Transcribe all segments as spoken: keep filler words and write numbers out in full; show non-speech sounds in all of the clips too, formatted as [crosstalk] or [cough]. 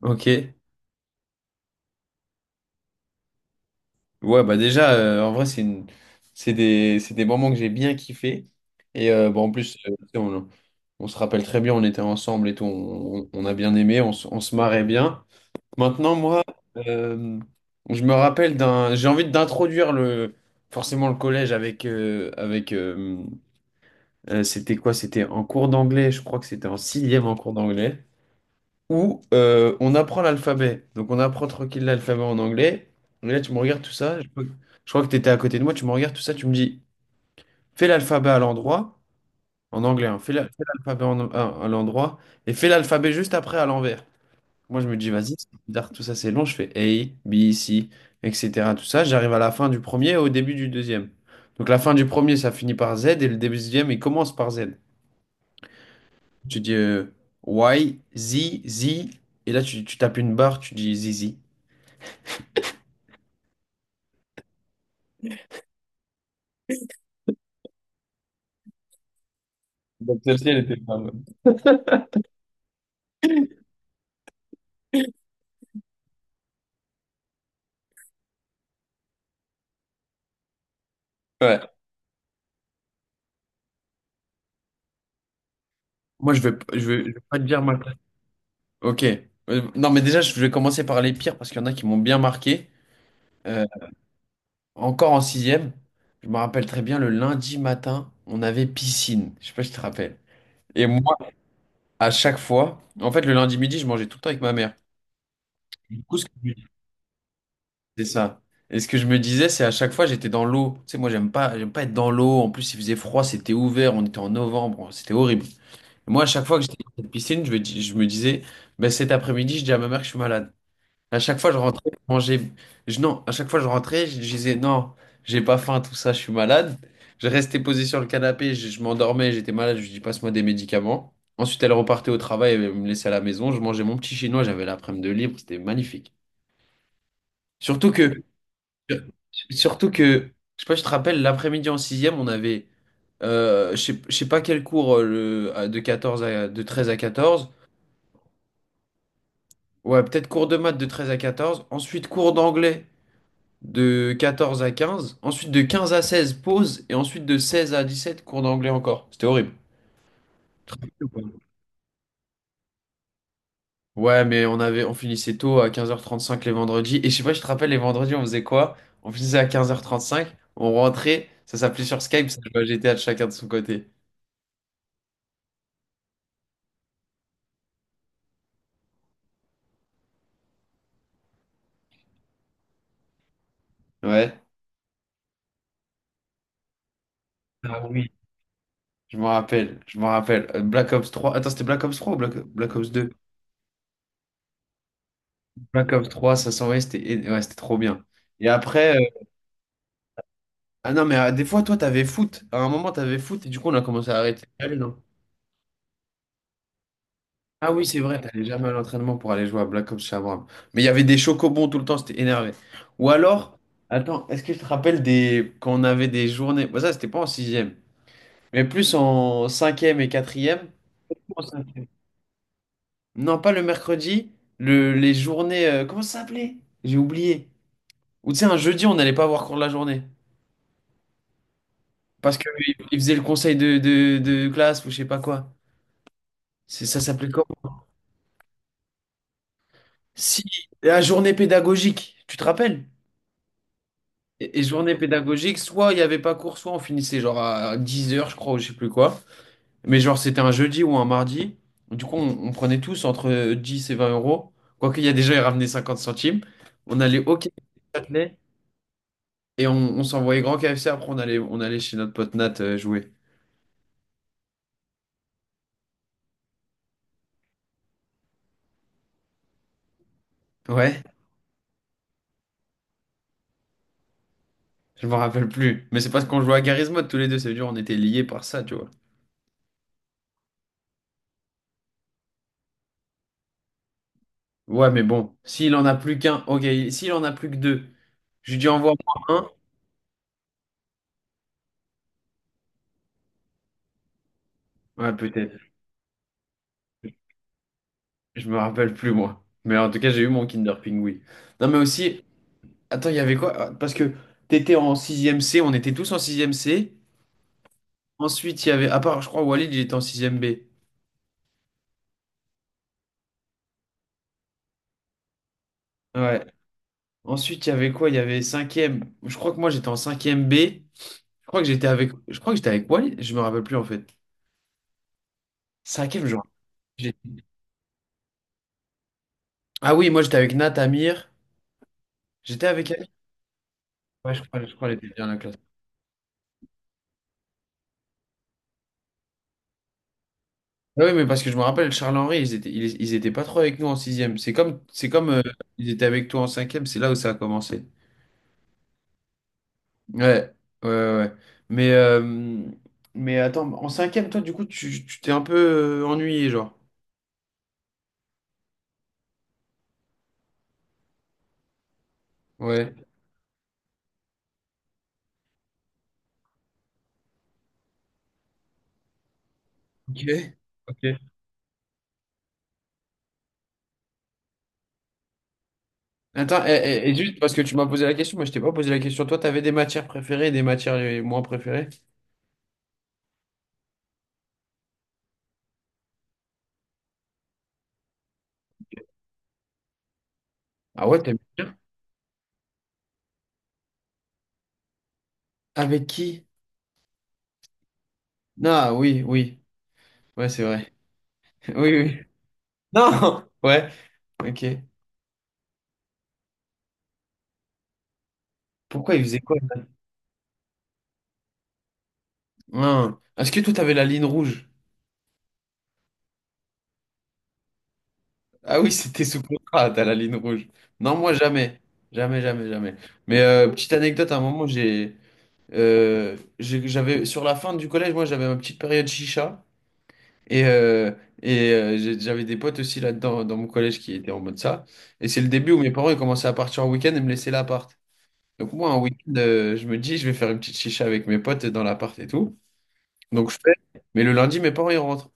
Ok. Ouais, bah déjà, euh, en vrai, c'est une... c'est des... c'est des moments que j'ai bien kiffé. Et euh, bon, en plus, euh, tu sais, on... on se rappelle très bien, on était ensemble et tout, on, on- on a bien aimé, on, se on se marrait bien. Maintenant, moi, euh, je me rappelle d'un... J'ai envie d'introduire le... forcément le collège avec... euh, avec euh, euh, c'était quoi? C'était en cours d'anglais, je crois que c'était en sixième en cours d'anglais, où euh, on apprend l'alphabet. Donc on apprend tranquille l'alphabet en anglais. Et là, tu me regardes tout ça. Je, crois que je crois que tu étais à côté de moi. Tu me regardes tout ça. Tu me dis, fais l'alphabet à l'endroit, en anglais, hein. Fais la- fais l'alphabet en- à, à l'endroit et fais l'alphabet juste après à l'envers. Moi, je me dis, vas-y, c'est bizarre, tout ça, c'est long. Je fais A, B, C, et cetera. Tout ça. J'arrive à la fin du premier et au début du deuxième. Donc la fin du premier, ça finit par Z et le début du deuxième, il commence par Z. Tu dis euh, Y, Z, Z. Et là, tu, tu tapes une barre, tu dis Z, Z. Donc, celle-ci, elle était pas bonne. Ouais. Moi, je vais, je vais, je vais pas te dire ma classe. Ok. Euh, non, mais déjà, je vais commencer par les pires parce qu'il y en a qui m'ont bien marqué. Euh, Encore en sixième, je me rappelle très bien, le lundi matin, on avait piscine. Je sais pas si tu te rappelles. Et moi, à chaque fois, en fait, le lundi midi, je mangeais tout le temps avec ma mère. Du coup, ce que- c'est ça. Et ce que je me disais, c'est à chaque fois, j'étais dans l'eau. Tu sais, moi, j'aime pas, j'aime pas être dans l'eau. En plus, il faisait froid, c'était ouvert, on était en novembre, c'était horrible. Moi, à chaque fois que j'étais dans cette piscine, je me, dis- je me disais, ben, cet après-midi, je dis à ma mère que je suis malade. À chaque fois, je rentrais, je mangeais. Je- non, à chaque fois, je rentrais, je, je disais, non, j'ai pas faim, tout ça, je suis malade. Je restais posé sur le canapé, je, je m'endormais, j'étais malade, je lui dis, passe-moi des médicaments. Ensuite, elle repartait au travail, elle me laissait à la maison, je mangeais mon petit chinois, j'avais l'après-midi de libre, c'était magnifique. Surtout que, surtout que, je sais pas, je te rappelle, l'après-midi en sixième, on avait, euh, je sais, je sais pas quel cours, euh, le, de quatorze à, de treize à quatorze. Ouais, peut-être cours de maths de treize à quatorze, ensuite cours d'anglais de quatorze à quinze, ensuite de quinze à seize pause, et ensuite de seize à dix sept cours d'anglais encore. C'était horrible. Tu te rappelles ou pas? Ouais, mais on avait, on finissait tôt à quinze heures trente cinq les vendredis. Et je sais pas, je te rappelle, les vendredis, on faisait quoi? On finissait à quinze heures trente cinq, on rentrait, ça s'appelait sur Skype, ça jouait à G T A de chacun de son côté. Ouais. Ah oui. Je m'en rappelle, je m'en rappelle. Euh, Black Ops trois, attends, c'était Black Ops trois ou Black, Black Ops deux? Black Ops trois, ça s'envoyait, c'était et- ouais, c'était trop bien. Et après, euh, ah non, mais euh, des fois, toi, t'avais foot. À un moment, t'avais foot et du coup, on a commencé à arrêter d'aller, non? Ah oui, c'est vrai, t'allais jamais à l'entraînement pour aller jouer à Black Ops chez Abraham. Mais il y avait des chocobons tout le temps, c'était énervé. Ou alors, attends, est-ce que je te rappelle des... quand on avait des journées... Bon, ça, c'était pas en sixième, mais plus en cinquième et quatrième. En cinquième. Non, pas le mercredi, le... les journées... euh, Comment ça s'appelait? J'ai oublié. Ou tu sais, un jeudi, on n'allait pas avoir cours de la journée. Parce qu'ils faisaient le conseil de, de, de classe ou je sais pas quoi. C'est- Ça s'appelait quoi? Si, la journée pédagogique, tu te rappelles? Et, et journée pédagogique, soit il n'y avait pas cours, soit on finissait genre à dix heures, je crois, ou je sais plus quoi. Mais genre, c'était un jeudi ou un mardi. Du coup, on, on prenait tous entre dix et vingt euros. Quoique, il y a déjà, ils ramenaient cinquante centimes. On allait au K F C Châtelet et on, on s'envoyait grand K F C. Après, on allait, on allait chez notre pote Nat euh, jouer. Ouais, je m'en rappelle plus. Mais c'est parce qu'on jouait à Garry's Mod tous les deux. Ça veut dire on était liés par ça, tu vois. Ouais, mais bon, s'il en a plus qu'un, ok, s'il en a plus que deux, je lui dis envoie-moi un. Ouais, peut-être. Je me rappelle plus, moi. Mais en tout cas, j'ai eu mon Kinder Pingui. Non, mais aussi, attends, il y avait quoi? Ah, parce que t'étais en sixième C, on était tous en sixième C. Ensuite, il y avait, à part, je crois, Walid, il était en sixième B. Ouais. Ensuite, il y avait quoi? Il y avait cinquième. Je crois que moi, j'étais en cinquième B. Je crois que j'étais avec, je crois que j'étais avec Walid, je me rappelle plus, en fait. Cinquième ème genre. J'ai- Ah oui, moi, j'étais avec Nat, Amir. J'étais avec. Ouais, je crois, je crois qu'elle était bien la classe. Ah oui, mais parce que je me rappelle, Charles-Henri, ils étaient, ils, ils étaient pas trop avec nous en sixième. C'est comme, c'est comme euh, ils étaient avec toi en cinquième, c'est là où ça a commencé. Ouais, ouais, ouais. ouais. Mais, euh, mais attends, en cinquième, toi, du coup, tu tu t'es un peu euh, ennuyé, genre. Ouais. Ok. Ok. Attends, et, et- et juste parce que tu m'as posé la question, moi je t'ai pas posé la question. Toi, t'avais des matières préférées et des matières euh, moins préférées? Ah ouais, t'aimes bien. Avec qui? Ah oui, oui. Ouais, c'est vrai. [laughs] Oui, oui. Non! Ouais, ok. Pourquoi il faisait quoi là? Hein. Est-ce que toi, t'avais la ligne rouge? Ah oui, [laughs] c'était sous contrat, t'as la ligne rouge. Non, moi, jamais. Jamais, jamais, jamais. Mais euh, petite anecdote, à un moment, j'ai, euh, j'ai- j'avais, sur la fin du collège, moi, j'avais ma petite période chicha. Et, euh, et euh, j'ai- J'avais des potes aussi là-dedans, dans mon collège, qui étaient en mode ça. Et c'est le début où mes parents, ils commençaient à partir en week-end et me laisser l'appart. Donc, moi, un week-end, euh, je me dis, je vais faire une petite chicha avec mes potes dans l'appart et tout. Donc, je fais. Mais le lundi, mes parents, ils rentrent.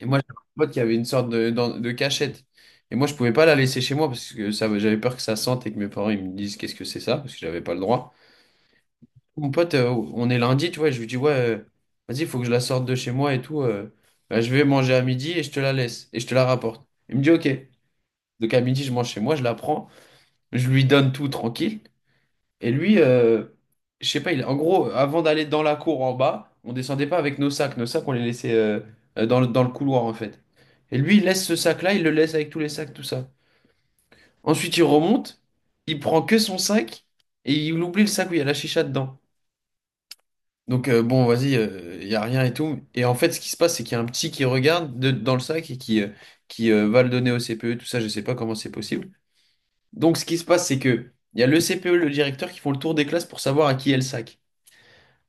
Et moi, j'avais un pote qui avait une sorte de, dans- de cachette. Et moi, je pouvais pas la laisser chez moi parce que ça, j'avais peur que ça sente et que mes parents ils me disent qu'est-ce que c'est ça, parce que j'avais pas le droit. Mon pote, euh, on est lundi, tu vois, je lui dis, ouais, euh, vas-y, il faut que je la sorte de chez moi et tout. Euh, bah, je vais manger à midi et je te la laisse et je te la rapporte. Il me dit, ok. Donc à midi, je mange chez moi, je la prends, je lui donne tout tranquille. Et lui, euh, je sais pas, il, en gros, avant d'aller dans la cour en bas, on descendait pas avec nos sacs. Nos sacs, on les laissait euh, euh, dans le, dans le couloir, en fait. Et lui, il laisse ce sac-là, il le laisse avec tous les sacs, tout ça. Ensuite, il remonte, il prend que son sac et il oublie le sac où il y a la chicha dedans. Donc, euh, bon, vas-y, il y a rien et tout. Et en fait, ce qui se passe, c'est qu'il y a un petit qui regarde de- dans le sac et qui, euh, qui euh, va le donner au C P E, tout ça, je sais pas comment c'est possible. Donc, ce qui se passe, c'est que il y a le C P E, le directeur, qui font le tour des classes pour savoir à qui est le sac.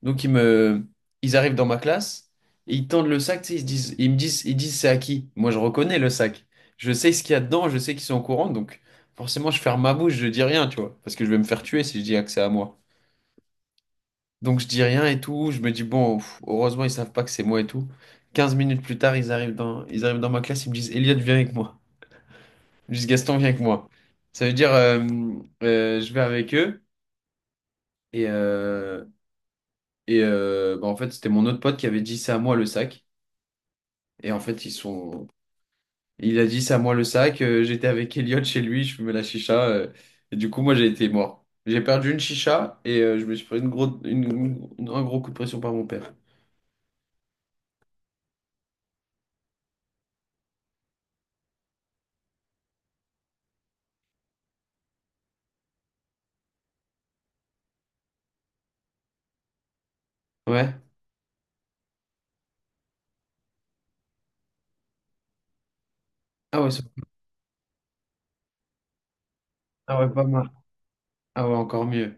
Donc ils me, Ils arrivent dans ma classe et ils tendent le sac, tu sais, ils se disent, ils me disent, ils disent c'est à qui? Moi je reconnais le sac, je sais ce qu'il y a dedans, je sais qu'ils sont au courant, donc forcément je ferme ma bouche, je dis rien, tu vois, parce que je vais me faire tuer si je dis ah, que c'est à moi. Donc je dis rien et tout, je me dis bon, pff, heureusement ils savent pas que c'est moi et tout. Quinze minutes plus tard, ils arrivent dans, ils arrivent dans ma classe, ils me disent Elliot viens avec moi, ils me disent Gaston viens avec moi. Ça veut dire euh, euh, je vais avec eux et euh, et euh, bah, en fait c'était mon autre pote qui avait dit c'est à moi le sac. Et en fait, ils sont. Il a dit, c'est à moi le sac. Euh, j'étais avec Elliot chez lui, je fumais la chicha. Euh, et du coup, moi, j'ai été mort. J'ai perdu une chicha et euh, je me suis pris une gros... une- une- un gros coup de pression par mon père. Ouais. Ah ouais, ça- ah ouais, pas mal. Ah ouais, encore mieux.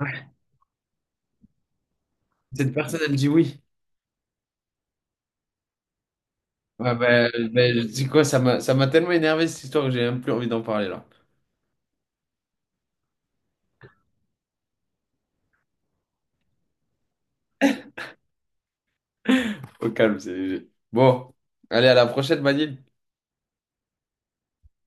Ouais. Cette personne, elle dit oui. Ouais, bah, ben je dis quoi, ça m'a ça m'a tellement énervé cette histoire que j'ai même plus envie d'en parler là. Au calme, c'est léger. Bon, allez, à la prochaine, Manil.